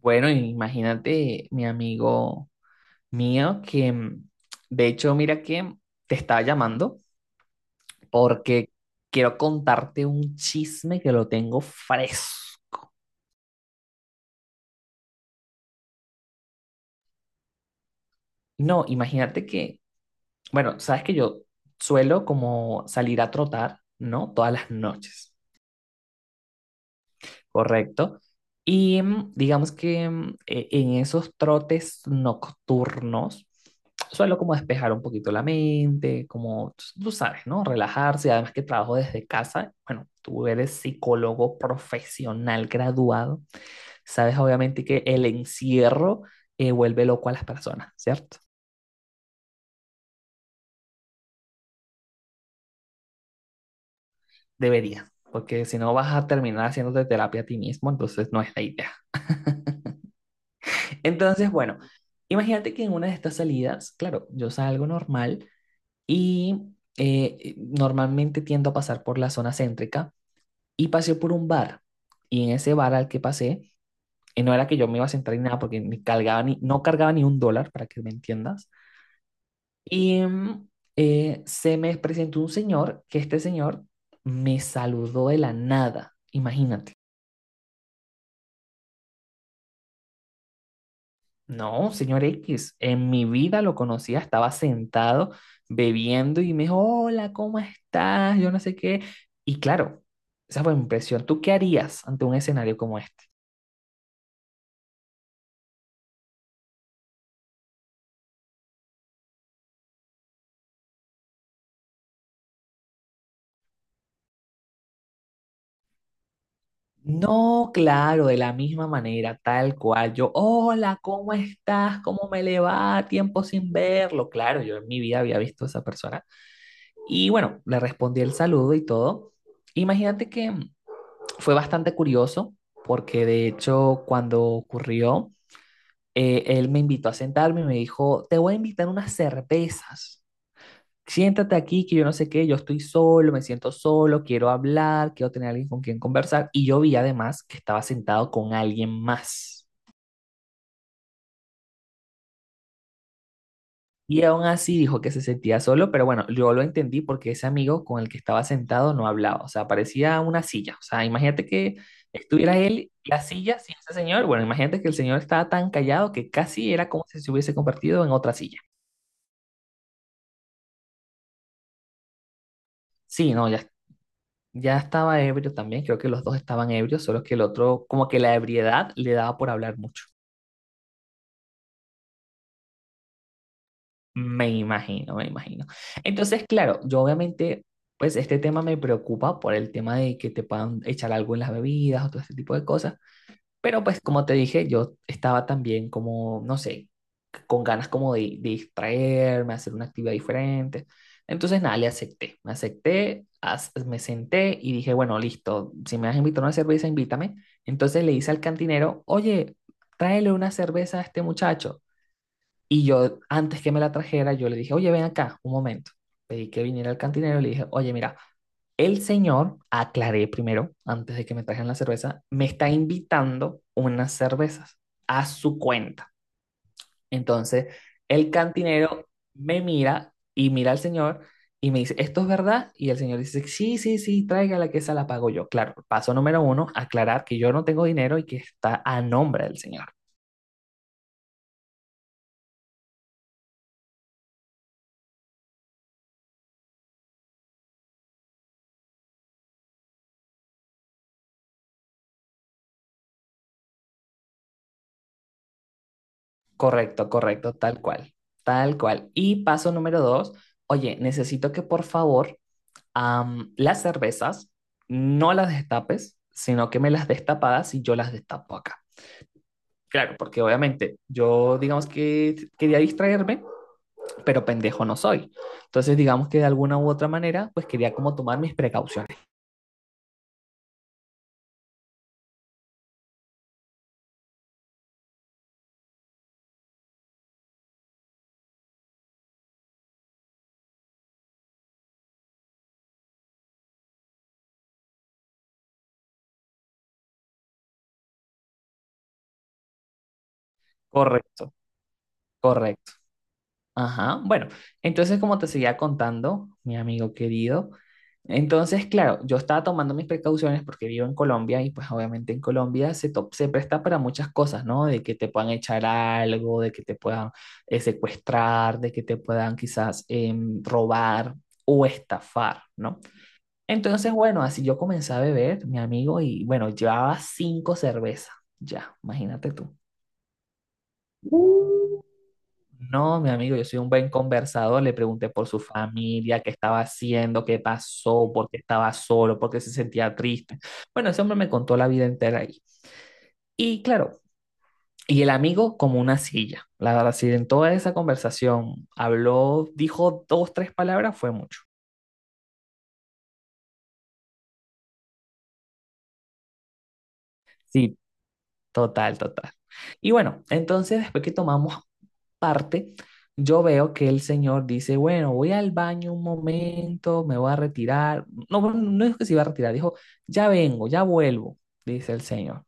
Bueno, imagínate, mi amigo mío, que de hecho, mira que te estaba llamando porque quiero contarte un chisme que lo tengo fresco. No, imagínate que, bueno, sabes que yo suelo como salir a trotar, ¿no? Todas las noches. Correcto. Y digamos que en esos trotes nocturnos suelo como despejar un poquito la mente, como tú sabes, ¿no? Relajarse, además que trabajo desde casa. Bueno, tú eres psicólogo profesional graduado, sabes obviamente que el encierro vuelve loco a las personas, ¿cierto? Debería, porque si no vas a terminar haciéndote terapia a ti mismo, entonces no es la idea. Entonces, bueno, imagínate que en una de estas salidas, claro, yo salgo normal y normalmente tiendo a pasar por la zona céntrica y pasé por un bar. Y en ese bar al que pasé, no era que yo me iba a sentar ni nada porque ni cargaba ni, no cargaba ni un dólar, para que me entiendas. Y se me presentó un señor que este señor me saludó de la nada, imagínate. No, señor X, en mi vida lo conocía, estaba sentado bebiendo y me dijo, hola, ¿cómo estás? Yo no sé qué. Y claro, esa fue mi impresión. ¿Tú qué harías ante un escenario como este? No, claro, de la misma manera, tal cual. Yo, hola, ¿cómo estás? ¿Cómo me le va? Tiempo sin verlo. Claro, yo en mi vida había visto a esa persona. Y bueno, le respondí el saludo y todo. Imagínate que fue bastante curioso porque de hecho cuando ocurrió él me invitó a sentarme y me dijo, te voy a invitar unas cervezas. Siéntate aquí, que yo no sé qué, yo estoy solo, me siento solo, quiero hablar, quiero tener alguien con quien conversar. Y yo vi además que estaba sentado con alguien más. Y aún así dijo que se sentía solo, pero bueno, yo lo entendí porque ese amigo con el que estaba sentado no hablaba, o sea, parecía una silla. O sea, imagínate que estuviera él y la silla sin ese señor. Bueno, imagínate que el señor estaba tan callado que casi era como si se hubiese convertido en otra silla. Sí, no, ya estaba ebrio también, creo que los dos estaban ebrios, solo que el otro, como que la ebriedad le daba por hablar mucho. Me imagino, me imagino. Entonces, claro, yo obviamente, pues este tema me preocupa por el tema de que te puedan echar algo en las bebidas o todo este tipo de cosas, pero pues como te dije, yo estaba también como, no sé, con ganas como de distraerme, hacer una actividad diferente. Entonces, nada, le acepté, me acepté, as- me senté y dije, bueno, listo, si me vas a invitar a una cerveza, invítame. Entonces le hice al cantinero, oye, tráele una cerveza a este muchacho. Y yo, antes que me la trajera, yo le dije, oye, ven acá, un momento. Pedí que viniera el cantinero y le dije, oye, mira, el señor, aclaré primero, antes de que me trajeran la cerveza, me está invitando unas cervezas a su cuenta. Entonces, el cantinero me mira y mira al señor y me dice, ¿esto es verdad? Y el señor dice, sí, sí, sí, tráigala que esa la pago yo. Claro, paso número uno, aclarar que yo no tengo dinero y que está a nombre del señor. Correcto, correcto, tal cual, tal cual. Y paso número dos, oye, necesito que por favor las cervezas no las destapes, sino que me las destapadas y yo las destapo acá. Claro, porque obviamente yo digamos que quería distraerme pero pendejo no soy. Entonces, digamos que de alguna u otra manera, pues quería como tomar mis precauciones. Correcto, correcto. Ajá. Bueno, entonces como te seguía contando, mi amigo querido, entonces, claro, yo estaba tomando mis precauciones porque vivo en Colombia y pues obviamente en Colombia se, se presta para muchas cosas, ¿no? De que te puedan echar algo, de que te puedan secuestrar, de que te puedan quizás robar o estafar, ¿no? Entonces, bueno, así yo comencé a beber, mi amigo, y bueno, llevaba cinco cervezas, ya, imagínate tú. Uh. No, mi amigo, yo soy un buen conversador, le pregunté por su familia, qué estaba haciendo, qué pasó, por qué estaba solo, por qué se sentía triste. Bueno, ese hombre me contó la vida entera ahí. Y claro, y el amigo como una silla, la verdad, si en toda esa conversación habló, dijo dos, tres palabras, fue mucho. Sí, total, total. Y bueno, entonces después que tomamos parte, yo veo que el señor dice, bueno, voy al baño un momento, me voy a retirar. No, bueno, no es que se iba a retirar, dijo, ya vengo, ya vuelvo, dice el señor.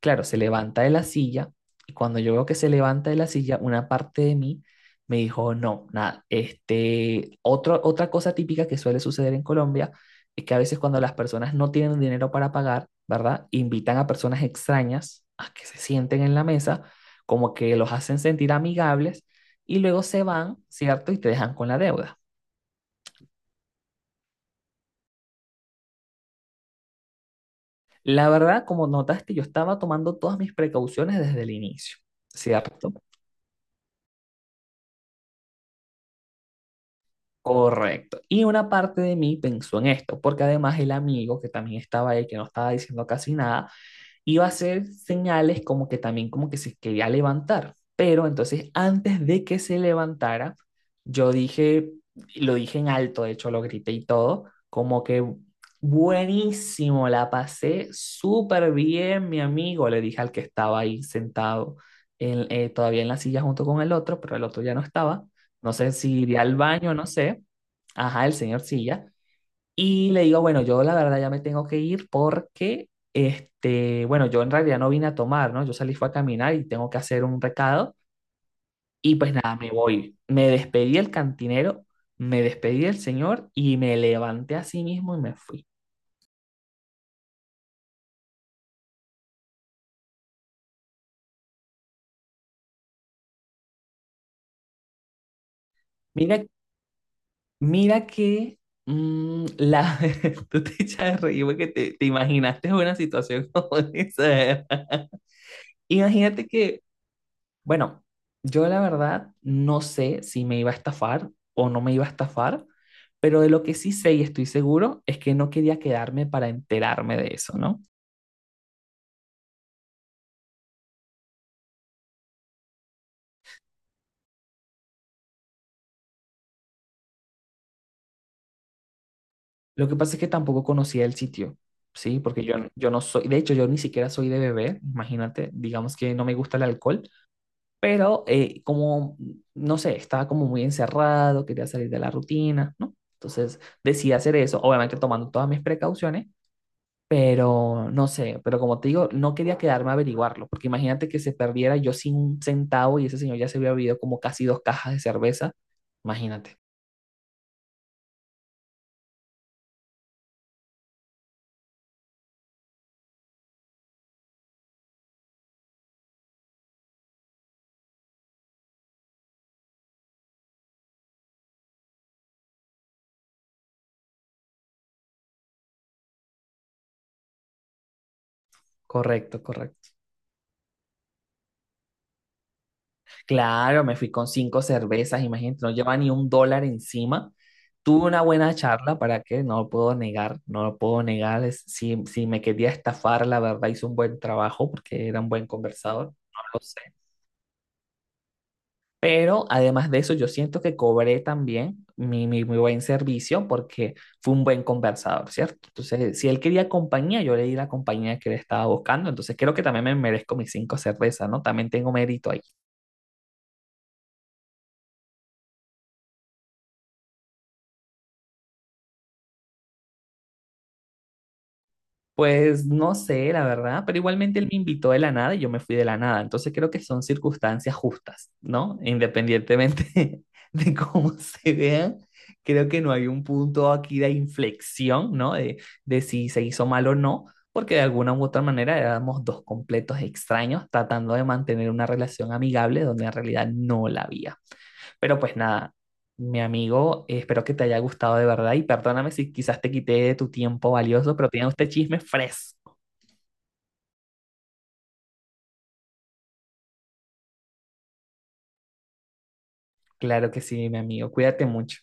Claro, se levanta de la silla y cuando yo veo que se levanta de la silla, una parte de mí me dijo, no, nada, este, otra cosa típica que suele suceder en Colombia es que a veces cuando las personas no tienen dinero para pagar, ¿verdad? Invitan a personas extrañas a que se sienten en la mesa, como que los hacen sentir amigables y luego se van, ¿cierto? Y te dejan con la deuda. La verdad, como notaste, yo estaba tomando todas mis precauciones desde el inicio, ¿cierto? Correcto. Y una parte de mí pensó en esto, porque además el amigo que también estaba ahí, que no estaba diciendo casi nada, iba a hacer señales como que también como que se quería levantar. Pero entonces antes de que se levantara, yo dije, lo dije en alto, de hecho lo grité y todo, como que buenísimo, la pasé súper bien, mi amigo, le dije al que estaba ahí sentado todavía en la silla junto con el otro, pero el otro ya no estaba. No sé si iría al baño, no sé. Ajá, el señor Silla. Y le digo, bueno, yo la verdad ya me tengo que ir porque, este, bueno, yo en realidad no vine a tomar, ¿no? Yo salí fue a caminar y tengo que hacer un recado. Y pues nada, me voy. Me despedí del cantinero, me despedí del señor y me levanté a sí mismo y me fui. Mira, mira que mm, la... tú te, echas de reír porque te imaginaste una situación como esa. Imagínate que Bueno, yo la verdad no sé si me iba a estafar o no me iba a estafar, pero de lo que sí sé y estoy seguro es que no quería quedarme para enterarme de eso, ¿no? Lo que pasa es que tampoco conocía el sitio, ¿sí? Porque yo no soy, de hecho yo ni siquiera soy de beber, imagínate, digamos que no me gusta el alcohol, pero como, no sé, estaba como muy encerrado, quería salir de la rutina, ¿no? Entonces decidí hacer eso, obviamente tomando todas mis precauciones. Pero no sé, pero como te digo, no quería quedarme a averiguarlo, porque imagínate que se perdiera yo sin un centavo y ese señor ya se había bebido como casi dos cajas de cerveza. Imagínate. Correcto, correcto. Claro, me fui con cinco cervezas, imagínate, no llevaba ni un dólar encima. Tuve una buena charla, ¿para qué? No lo puedo negar, no lo puedo negar. Si me quería estafar, la verdad, hizo un buen trabajo porque era un buen conversador, no lo sé. Pero además de eso, yo siento que cobré también mi buen servicio porque fue un buen conversador, ¿cierto? Entonces, si él quería compañía, yo le di la compañía que él estaba buscando. Entonces, creo que también me merezco mis cinco cervezas, ¿no? También tengo mérito ahí. Pues no sé, la verdad, pero igualmente él me invitó de la nada y yo me fui de la nada. Entonces creo que son circunstancias justas, ¿no? Independientemente de cómo se vean, creo que no hay un punto aquí de inflexión, ¿no? De si se hizo mal o no, porque de alguna u otra manera éramos dos completos extraños tratando de mantener una relación amigable donde en realidad no la había. Pero pues nada, mi amigo, espero que te haya gustado de verdad y perdóname si quizás te quité de tu tiempo valioso, pero tenía usted chisme fresco. Claro que sí, mi amigo, cuídate mucho.